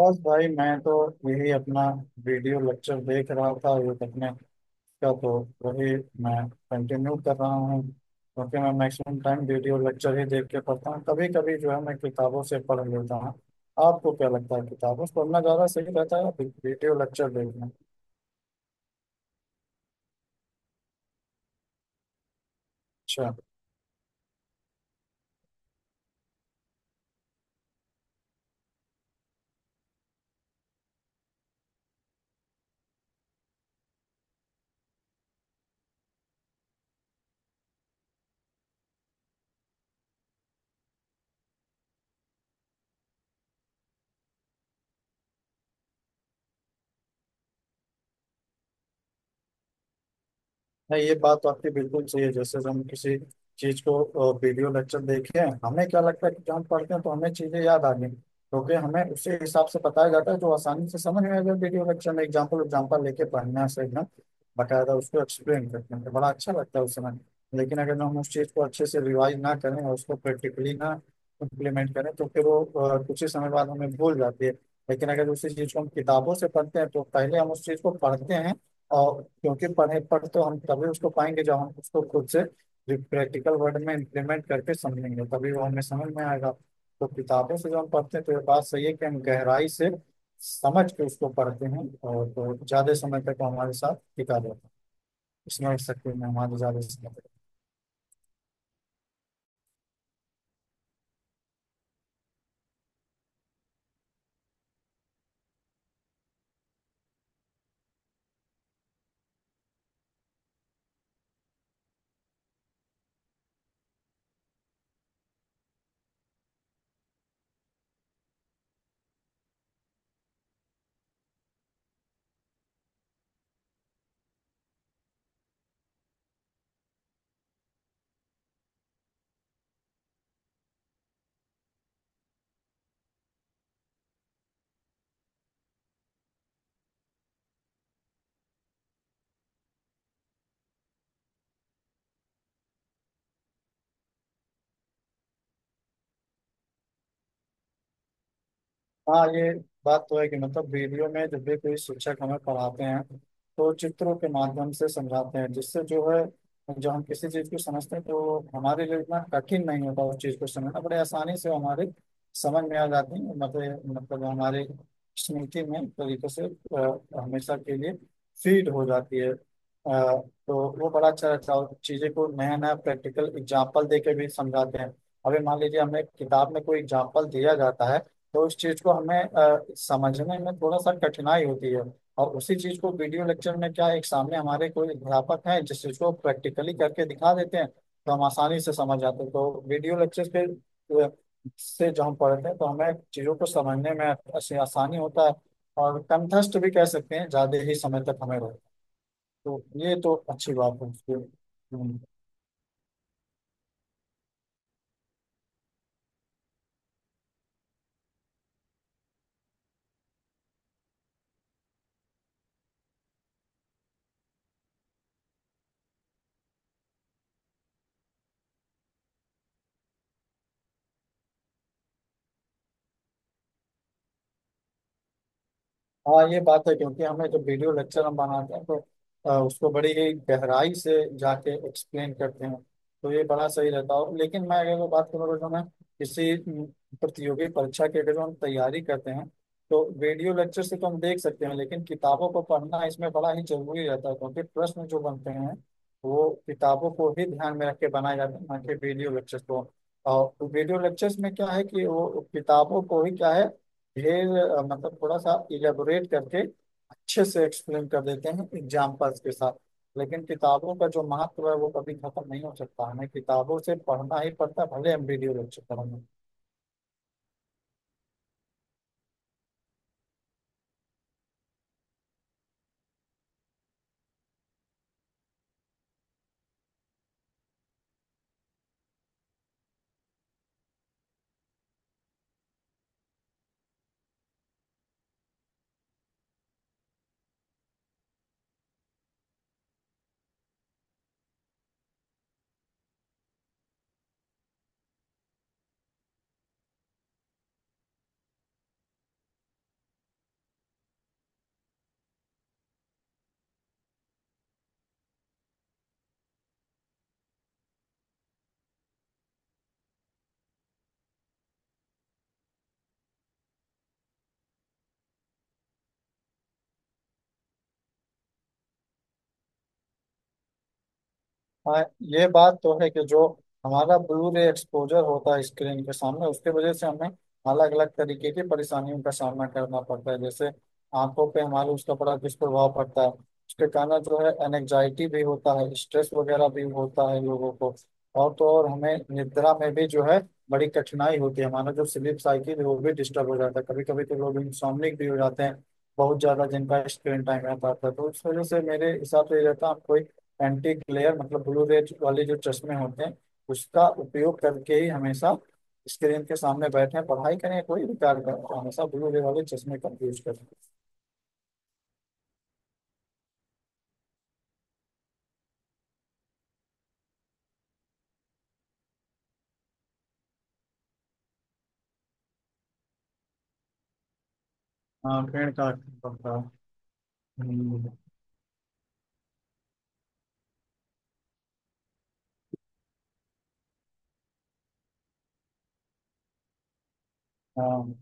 बस भाई मैं तो यही अपना वीडियो लेक्चर देख रहा था। ये तकनीक का तो वही मैं कंटिन्यू कर रहा हूँ क्योंकि मैं मैक्सिमम टाइम वीडियो लेक्चर ही देख के पढ़ता हूँ। कभी कभी जो है मैं किताबों से पढ़ लेता हूँ। आपको क्या लगता है किताबों से पढ़ना ज़्यादा सही रहता है या वीडियो लेक्चर देखना? अच्छा। नहीं ये बात तो आपकी बिल्कुल सही है। जैसे हम किसी चीज को वीडियो लेक्चर देखे हैं हमें क्या लगता है कि जब हम पढ़ते हैं तो हमें चीजें याद आ गई क्योंकि हमें उसी हिसाब से बताया जाता है जो आसानी से समझ में आ जाए। वीडियो लेक्चर में एग्जाम्पल एग्जाम्पल लेके पढ़ना से एकदम बकायदा उसको एक्सप्लेन करते हैं तो बड़ा अच्छा लगता है उस समय। लेकिन अगर हम उस चीज को अच्छे से रिवाइज ना करें और उसको प्रैक्टिकली ना इम्प्लीमेंट करें तो फिर वो कुछ ही समय बाद हमें भूल जाती है। लेकिन अगर उसी चीज को हम किताबों से पढ़ते हैं तो पहले हम उस चीज को पढ़ते हैं और क्योंकि पढ़े पढ़ तो हम तभी उसको पाएंगे जब हम उसको खुद से प्रैक्टिकल वर्ड में इम्प्लीमेंट करके समझेंगे तभी वो हमें समझ में आएगा। तो किताबों से जब हम पढ़ते हैं तो ये बात सही है कि हम गहराई से समझ के उसको पढ़ते हैं और तो ज्यादा समय तक वो हमारे साथ टिका रहता है। इसमें शक्ति में हमारे ज्यादा समय तक। हाँ ये बात तो है कि मतलब वीडियो में जब भी कोई शिक्षक हमें पढ़ाते हैं तो चित्रों के माध्यम से समझाते हैं जिससे जो है जब हम किसी चीज को समझते हैं तो हमारे लिए इतना कठिन नहीं होता उस चीज को समझना बड़े आसानी से हमारे समझ में आ जाती है। मतलब हमारे स्मृति में एक तरीके से हमेशा के लिए फीड हो जाती है। तो वो बड़ा अच्छा रहता है और चीजें को नया नया प्रैक्टिकल एग्जाम्पल दे के भी समझाते हैं। अभी मान लीजिए हमें किताब में कोई एग्जाम्पल दिया जाता है तो उस चीज को हमें समझने में थोड़ा सा कठिनाई होती है। और उसी चीज को वीडियो लेक्चर में क्या है, एक सामने हमारे कोई अध्यापक हैं जिस चीज को प्रैक्टिकली करके दिखा देते हैं तो हम आसानी से समझ जाते हैं। तो वीडियो लेक्चर के अ, से जो हम पढ़ते हैं तो हमें चीजों को समझने में ऐसे आसानी होता है और कंठस्थ भी कह सकते हैं ज्यादा ही समय तक हमें रहता है। तो ये तो अच्छी बात है उसके। हम्म। हाँ ये बात है क्योंकि हमें जब वीडियो लेक्चर हम बनाते हैं तो उसको बड़ी ही गहराई से जाके एक्सप्लेन करते हैं। तो ये बड़ा सही रहता है लेकिन मैं अगर वो बात करूँ जो मैं किसी प्रतियोगी परीक्षा की अगर जो हम तैयारी करते हैं तो वीडियो लेक्चर से तो हम देख सकते हैं लेकिन किताबों को पढ़ना इसमें बड़ा ही जरूरी रहता है क्योंकि प्रश्न जो बनते हैं वो किताबों को ही ध्यान में रख के बनाए जाते हैं ना कि वीडियो लेक्चर को। और वीडियो लेक्चर्स में क्या है कि वो किताबों को ही क्या है ये मतलब थोड़ा सा इलेबोरेट करके अच्छे से एक्सप्लेन कर देते हैं एग्जाम्पल्स के साथ। लेकिन किताबों का जो महत्व है वो कभी खत्म नहीं हो सकता, हमें किताबों से पढ़ना ही पड़ता है भले एमबीडीए लेक्चर पढ़ना। हाँ ये बात तो है कि जो हमारा ब्लू रे एक्सपोजर होता है स्क्रीन के सामने उसके वजह से हमें अलग अलग तरीके की परेशानियों का सामना करना पड़ता है, जैसे आंखों पे हमारे उसका बड़ा दुष्प्रभाव पड़ता है। उसके कारण जो है एनजाइटी भी होता है, स्ट्रेस वगैरह भी होता है लोगों को। और तो और हमें निद्रा में भी जो है बड़ी कठिनाई होती है, हमारा जो स्लीप साइकिल है वो भी डिस्टर्ब हो जाता है। कभी कभी तो लोग इंसोम्निक भी हो जाते हैं बहुत ज्यादा जिनका स्क्रीन टाइम रहता है। तो उस वजह से मेरे हिसाब से ये रहता है आप कोई एंटी ग्लेयर मतलब ब्लू रेज वाले जो चश्मे होते हैं उसका उपयोग करके ही हमेशा स्क्रीन के सामने बैठे पढ़ाई करें या कोई भी कार्य करें तो हमेशा ब्लू रे वाले चश्मे का यूज करें। हाँ पेड़ का पत्ता। हम्म, हाँ।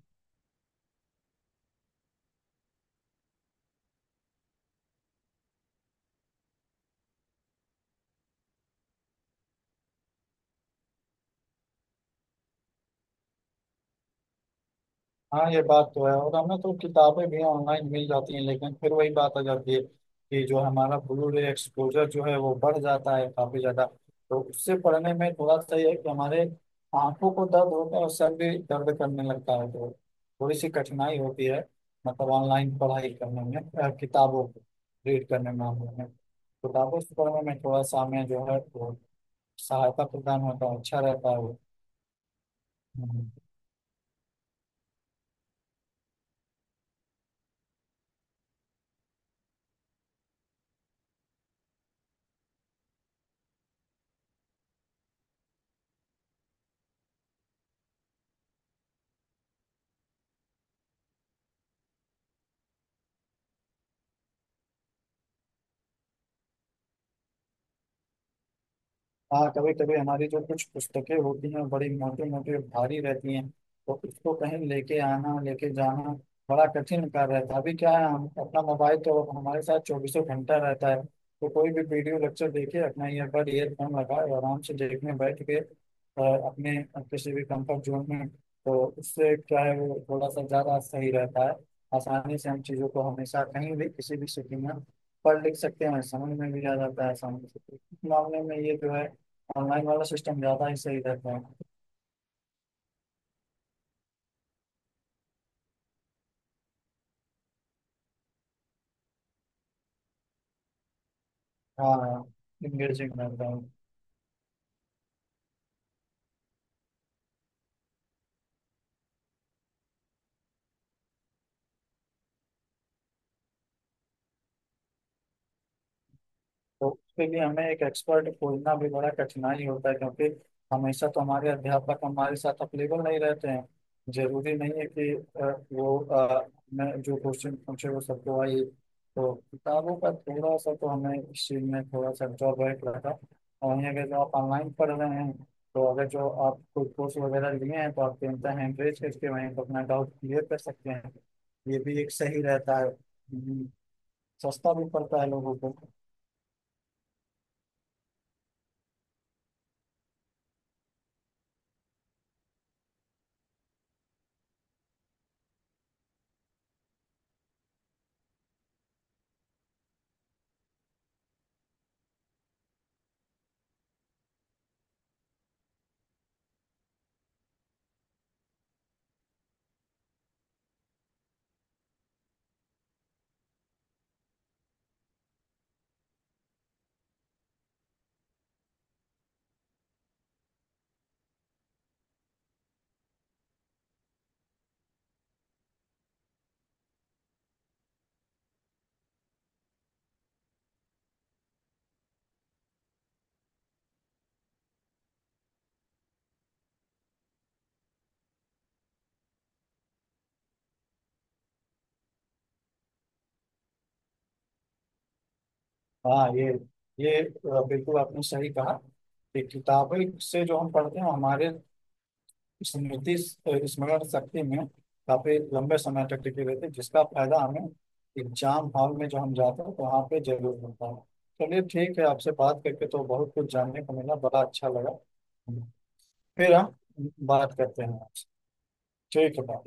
हाँ ये बात तो है, और हमें तो किताबें भी ऑनलाइन मिल जाती हैं लेकिन फिर वही बात आ जाती है कि जो हमारा ब्लू रे एक्सपोजर जो है वो बढ़ जाता है काफी ज्यादा। तो उससे पढ़ने में थोड़ा सा ये है कि हमारे आंखों को दर्द होता है और सर भी दर्द करने लगता है तो थोड़ी सी कठिनाई होती है मतलब ऑनलाइन पढ़ाई करने में। किताबों को रीड करने में, हमें किताबों से पढ़ने में थोड़ा सा हमें जो है वो सहायता प्रदान होता है, अच्छा रहता है वो। हम्म। हाँ कभी कभी हमारी जो कुछ पुस्तकें होती हैं बड़ी मोटी मोटी और भारी रहती हैं तो उसको कहीं लेके आना लेके जाना बड़ा कठिन कार्य रहता है। अभी क्या है हम अपना मोबाइल तो हमारे साथ चौबीसों घंटा रहता है तो कोई भी वीडियो लेक्चर देखे, अपना ईयरबड ईयरफोन लगाए आराम से देखने बैठ के, और अपने किसी भी कंफर्ट जोन में, तो उससे क्या है वो थोड़ा सा ज़्यादा सही रहता है। आसानी से हम चीज़ों को हमेशा कहीं भी किसी भी स्थिति में पढ़ लिख सकते हैं, समझ में भी आ जाता है आसानी से। इस मामले में ये जो है ऑनलाइन वाला सिस्टम ज्यादा ही सही रहता है। हाँ यूजिंग रहता है। तो उसके लिए हमें एक एक्सपर्ट खोजना भी बड़ा कठिनाई होता है क्योंकि हमेशा तो हमारे अध्यापक हमारे साथ अवेलेबल नहीं रहते हैं। जरूरी नहीं है कि अ, वो मैं जो क्वेश्चन पूछे वो सबको आए। तो किताबों का थोड़ा सा तो हमें इस चीज में थोड़ा सा ड्रॉबैक लगा। और वहीं अगर जो आप ऑनलाइन पढ़ रहे हैं तो अगर जो आप कोई कोर्स वगैरह लिए हैं तो आप चिंता है एंकरेज करके वहीं पर अपना डाउट क्लियर कर सकते हैं। ये भी एक सही रहता है। सस्ता भी पड़ता है लोगों को। हाँ ये बिल्कुल आपने सही कहा कि किताबें से जो हम पढ़ते हैं हमारे स्मरण शक्ति में काफी लंबे समय तक टिके रहते हैं जिसका फायदा हमें एग्जाम हॉल में जो हम जाते हैं तो वहाँ पे जरूर मिलता है। चलिए ठीक है, आपसे बात करके तो बहुत कुछ जानने को मिला, बड़ा अच्छा लगा। फिर हम बात करते हैं आपसे। ठीक है bye।